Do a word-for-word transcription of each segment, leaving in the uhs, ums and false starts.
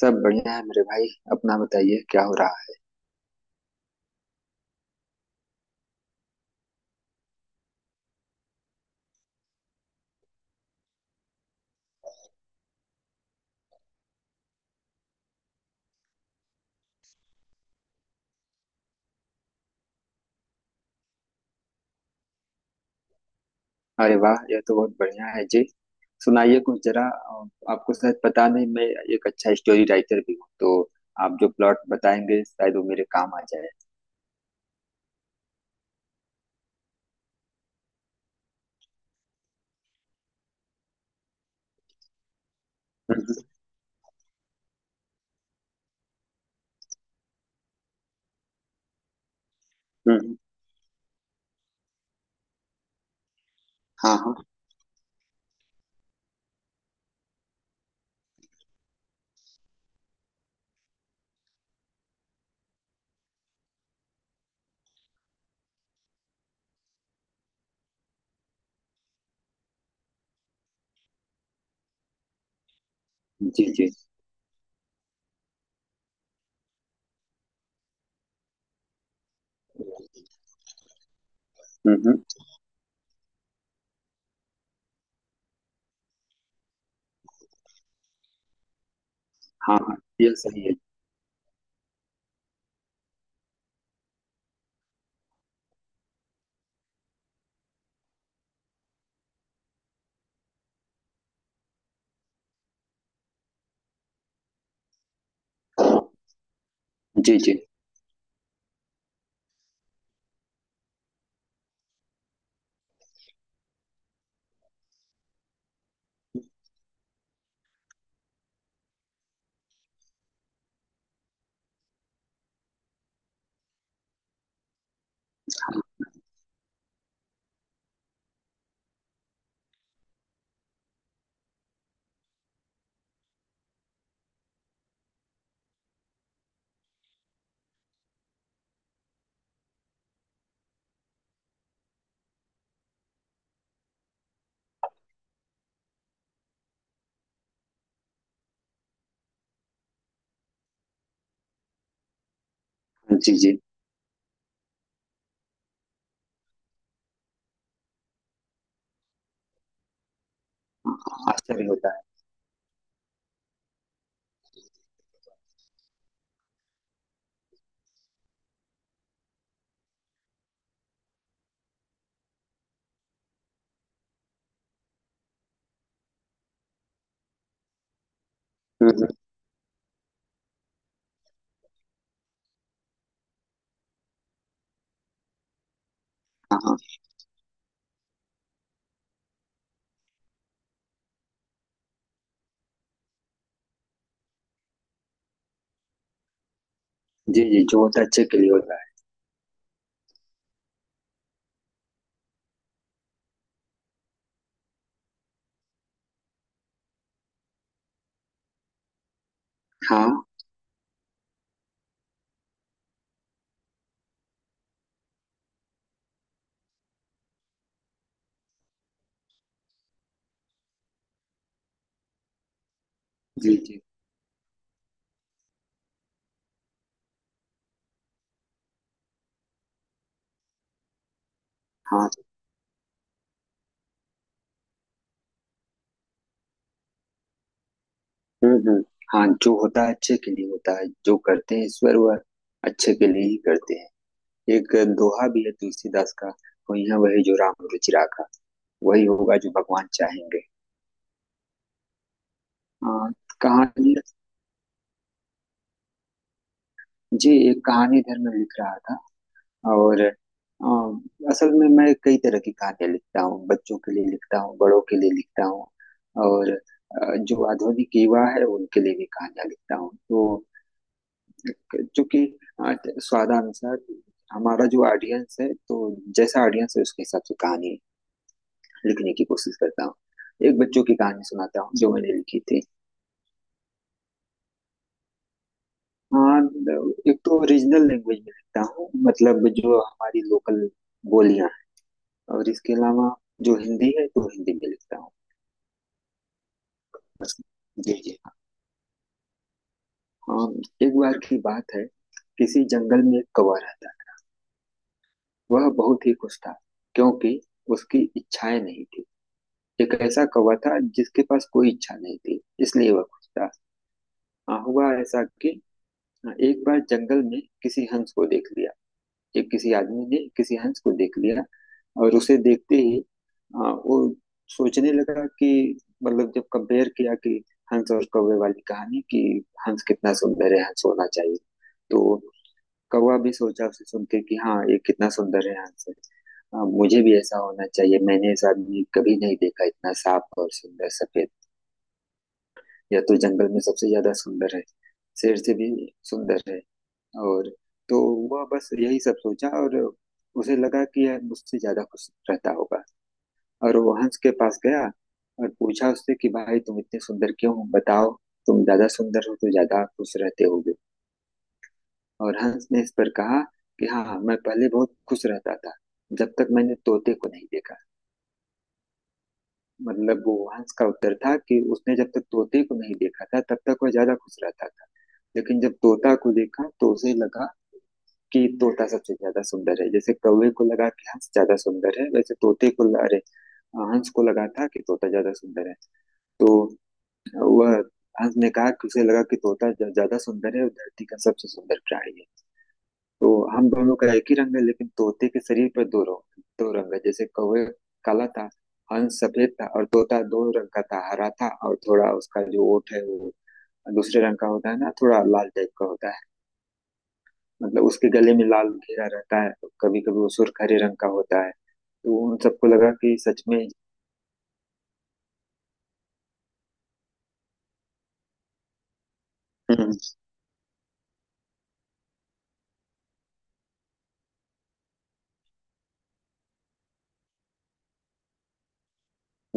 सब बढ़िया है मेरे भाई। अपना बताइए क्या हो रहा है। अरे वाह, यह तो बहुत बढ़िया है जी। सुनाइए कुछ जरा अ, आपको शायद पता नहीं, मैं एक अच्छा स्टोरी राइटर भी हूँ, तो आप जो प्लॉट बताएंगे शायद वो मेरे काम आ जाए। हम्म हम्म। हम्म। हाँ हाँ। जी जी। हम्म हम्म। हाँ हाँ, यह सही है। जी जी। जी जी। हाँ, आश्चर्य होता है। हम्म हम्म। हाँ हाँ। जी जी, जो होता है अच्छे के लिए होता है। हाँ। जी जी। हाँ। हम्म हम्म। हाँ, जो होता है अच्छे के लिए होता है। जो करते हैं ईश्वर वह अच्छे के लिए ही करते हैं। एक दोहा भी है तुलसीदास का, वही है, वही जो राम रुचि राखा, वही होगा जो भगवान चाहेंगे। आ, कहानी। जी, एक कहानी इधर में लिख रहा था। और आ, असल में मैं कई तरह की कहानियां लिखता हूँ, बच्चों के लिए लिखता हूँ, बड़ों के लिए लिखता हूँ और आ, जो आधुनिक युवा है उनके लिए भी कहानियां लिखता हूँ। तो क्योंकि अ, स्वादानुसार हमारा जो ऑडियंस है, तो जैसा ऑडियंस है उसके हिसाब से कहानी लिखने की कोशिश करता हूँ। एक बच्चों की कहानी सुनाता हूँ जो मैंने लिखी थी। हाँ, एक तो रीजनल लैंग्वेज में लिखता हूँ, मतलब जो हमारी लोकल बोलियां हैं, और इसके अलावा जो हिंदी है तो हिंदी में लिखता हूँ। बस। जी जी। हाँ। एक बार की बात है, किसी जंगल में एक कौवा रहता था। वह बहुत ही खुश था क्योंकि उसकी इच्छाएं नहीं थी। एक ऐसा कौवा था जिसके पास कोई इच्छा नहीं थी, इसलिए वह खुश था। हाँ, हुआ ऐसा कि हाँ, एक बार जंगल में किसी हंस को देख लिया। एक किसी आदमी ने किसी हंस को देख लिया और उसे देखते ही हाँ, वो सोचने लगा कि मतलब जब कंपेयर किया कि हंस और कौवे वाली कहानी कि हंस कितना सुंदर है, हंस होना चाहिए। तो कौवा भी सोचा उसे सुन के कि हाँ, ये कितना सुंदर है हंस। हाँ, मुझे भी ऐसा होना चाहिए, मैंने ऐसा आदमी कभी नहीं देखा, इतना साफ और सुंदर सफेद। या तो जंगल में सबसे ज्यादा सुंदर है, शेर से भी सुंदर है। और तो वह बस यही सब सोचा और उसे लगा कि यह मुझसे ज्यादा खुश रहता होगा। और वो हंस के पास गया और पूछा उससे कि भाई, तुम इतने सुंदर क्यों हो बताओ। तुम ज्यादा सुंदर हो तो ज्यादा खुश रहते होगे। और हंस ने इस पर कहा कि हाँ हाँ, मैं पहले बहुत खुश रहता था, जब तक मैंने तोते को नहीं देखा। मतलब वो हंस का उत्तर था कि उसने जब तक तोते को नहीं देखा था, तब तक वह ज्यादा खुश रहता था। लेकिन जब तोता को देखा तो उसे लगा कि तोता सबसे ज्यादा सुंदर है। जैसे कौवे को लगा कि हंस ज्यादा सुंदर है, वैसे तोते को अरे, हंस को लगा था कि तोता ज्यादा सुंदर है। तो वह हंस ने कहा कि उसे लगा कि तोता ज्यादा सुंदर है और धरती का सबसे सुंदर प्राणी है। तो हम दोनों का एक ही रंग है लेकिन तोते के शरीर पर दो रंग, दो रंग है। जैसे कौवे काला था, हंस सफेद था और तोता दो रंग का था, हरा था और थोड़ा उसका जो ओठ है वो दूसरे रंग का होता है ना, थोड़ा लाल टाइप का होता है। मतलब उसके गले में लाल घेरा रहता है। कभी कभी वो सुर्ख हरे रंग का होता है। तो उन सबको लगा कि सच में। हम्म।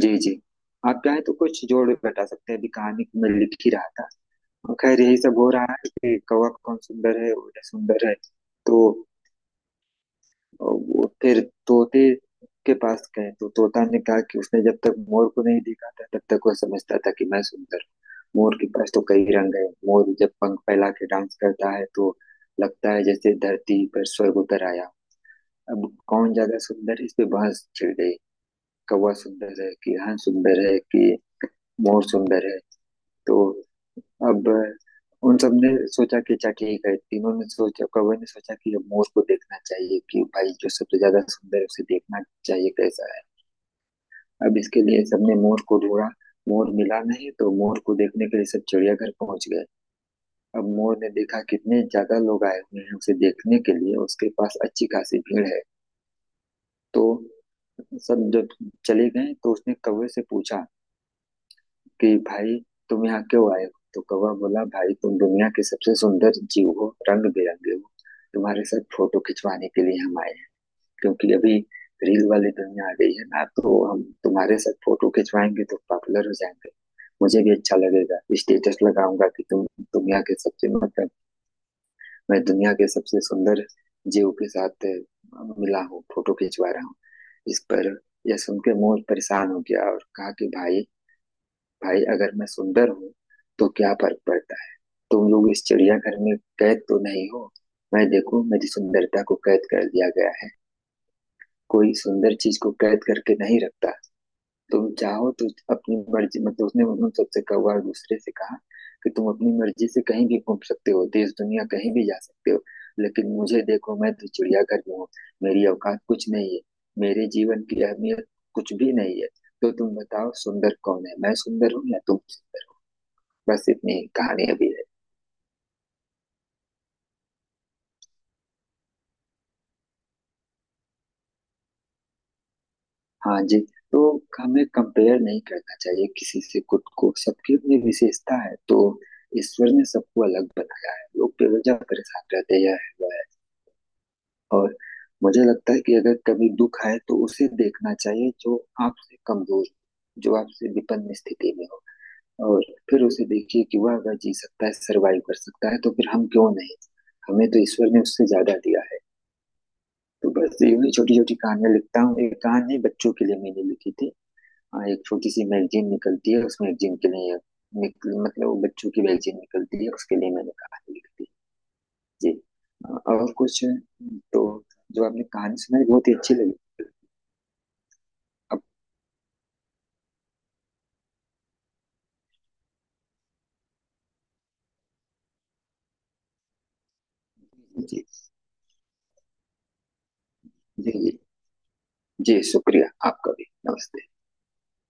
जी जी। आप चाहे तो कुछ जोड़ घटा सकते हैं, अभी कहानी में लिख ही रहा था। और खैर यही सब हो रहा है कि कौवा कौन सुंदर है, उड़े सुंदर है। तो और वो फिर तोते के पास गए तो तोता ने कहा कि उसने जब तक मोर को नहीं देखा था, तब तक वो समझता था कि मैं सुंदर हूं। मोर के पास तो कई रंग है, मोर जब पंख फैला के डांस करता है तो लगता है जैसे धरती पर स्वर्ग उतर आया। अब कौन ज्यादा सुंदर, इस पे बहस छिड़ गई। कौवा सुंदर है कि हंस सुंदर है कि मोर सुंदर है। तो अब उन सब ने सोचा कि अच्छा ठीक है, तीनों ने सोचा, कौवे ने सोचा कि अब मोर को देखना चाहिए कि भाई जो सबसे ज्यादा सुंदर है उसे देखना चाहिए कैसा है। अब इसके लिए सबने मोर को ढूंढा, मोर मिला नहीं तो मोर को देखने के लिए सब चिड़ियाघर पहुंच गए। अब मोर ने देखा कितने ज्यादा लोग आए हुए हैं उसे देखने के लिए, उसके पास अच्छी खासी भीड़ है। तो सब जब चले गए तो उसने कौवे से पूछा कि भाई तुम यहाँ क्यों आए हो। तो कौवा बोला, भाई तुम दुनिया के सबसे सुंदर जीव हो, रंग बिरंगे हो, तुम्हारे साथ फोटो खिंचवाने के लिए हम आए हैं। क्योंकि अभी रील वाली दुनिया आ गई है ना, तो हम तुम्हारे साथ फोटो खिंचवाएंगे तो पॉपुलर हो जाएंगे। मुझे भी अच्छा लगेगा, स्टेटस लगाऊंगा कि तुम दुनिया के सबसे मतलब मैं दुनिया के सबसे सुंदर जीव के साथ अ, मिला हूँ, फोटो खिंचवा रहा हूँ। इस पर यह सुन के मोर परेशान हो गया और कहा कि भाई, भाई अगर मैं सुंदर हूँ तो क्या फर्क पड़ता है। तुम लोग इस चिड़ियाघर में कैद तो नहीं हो। मैं देखो, मेरी सुंदरता को कैद कर दिया गया है। कोई सुंदर चीज को कैद करके नहीं रखता। तुम चाहो तो अपनी मर्जी, मतलब उसने उन सबसे कौवा और दूसरे से कहा कि तुम अपनी मर्जी से कहीं भी घूम सकते हो, देश दुनिया कहीं भी जा सकते हो। लेकिन मुझे देखो, मैं तो चिड़ियाघर में हूँ। मेरी औकात कुछ नहीं है, मेरे जीवन की अहमियत कुछ भी नहीं है। तो तुम बताओ सुंदर कौन है, मैं सुंदर हूँ या तुम सुंदर? बस इतनी कहानियां भी है। हाँ जी। तो हमें कंपेयर नहीं करना चाहिए किसी से खुद को, सबकी अपनी विशेषता है। तो ईश्वर ने सबको अलग बनाया है, लोग बेवजह परेशान रहते हैं, यह है वह है। और मुझे लगता है कि अगर कभी दुख आए तो उसे देखना चाहिए जो आपसे कमजोर, जो आपसे विपन्न स्थिति में हो, और फिर उसे देखिए कि वह अगर जी सकता है, सरवाइव कर सकता है, तो फिर हम क्यों नहीं। हमें तो ईश्वर ने उससे ज्यादा दिया है। तो बस यूं छोटी छोटी कहानियां लिखता हूँ, एक कहानी बच्चों के लिए मैंने लिखी थी। हाँ, एक छोटी सी मैगजीन निकलती है, उस मैगजीन के लिए निकल मतलब वो बच्चों की मैगजीन निकलती है, उसके लिए मैंने कहानी लिखी थी। जी। अ, और कुछ तो जो आपने कहानी सुनाई बहुत ही अच्छी लगी। अब जी जी। जी जी, शुक्रिया। आपका भी नमस्ते।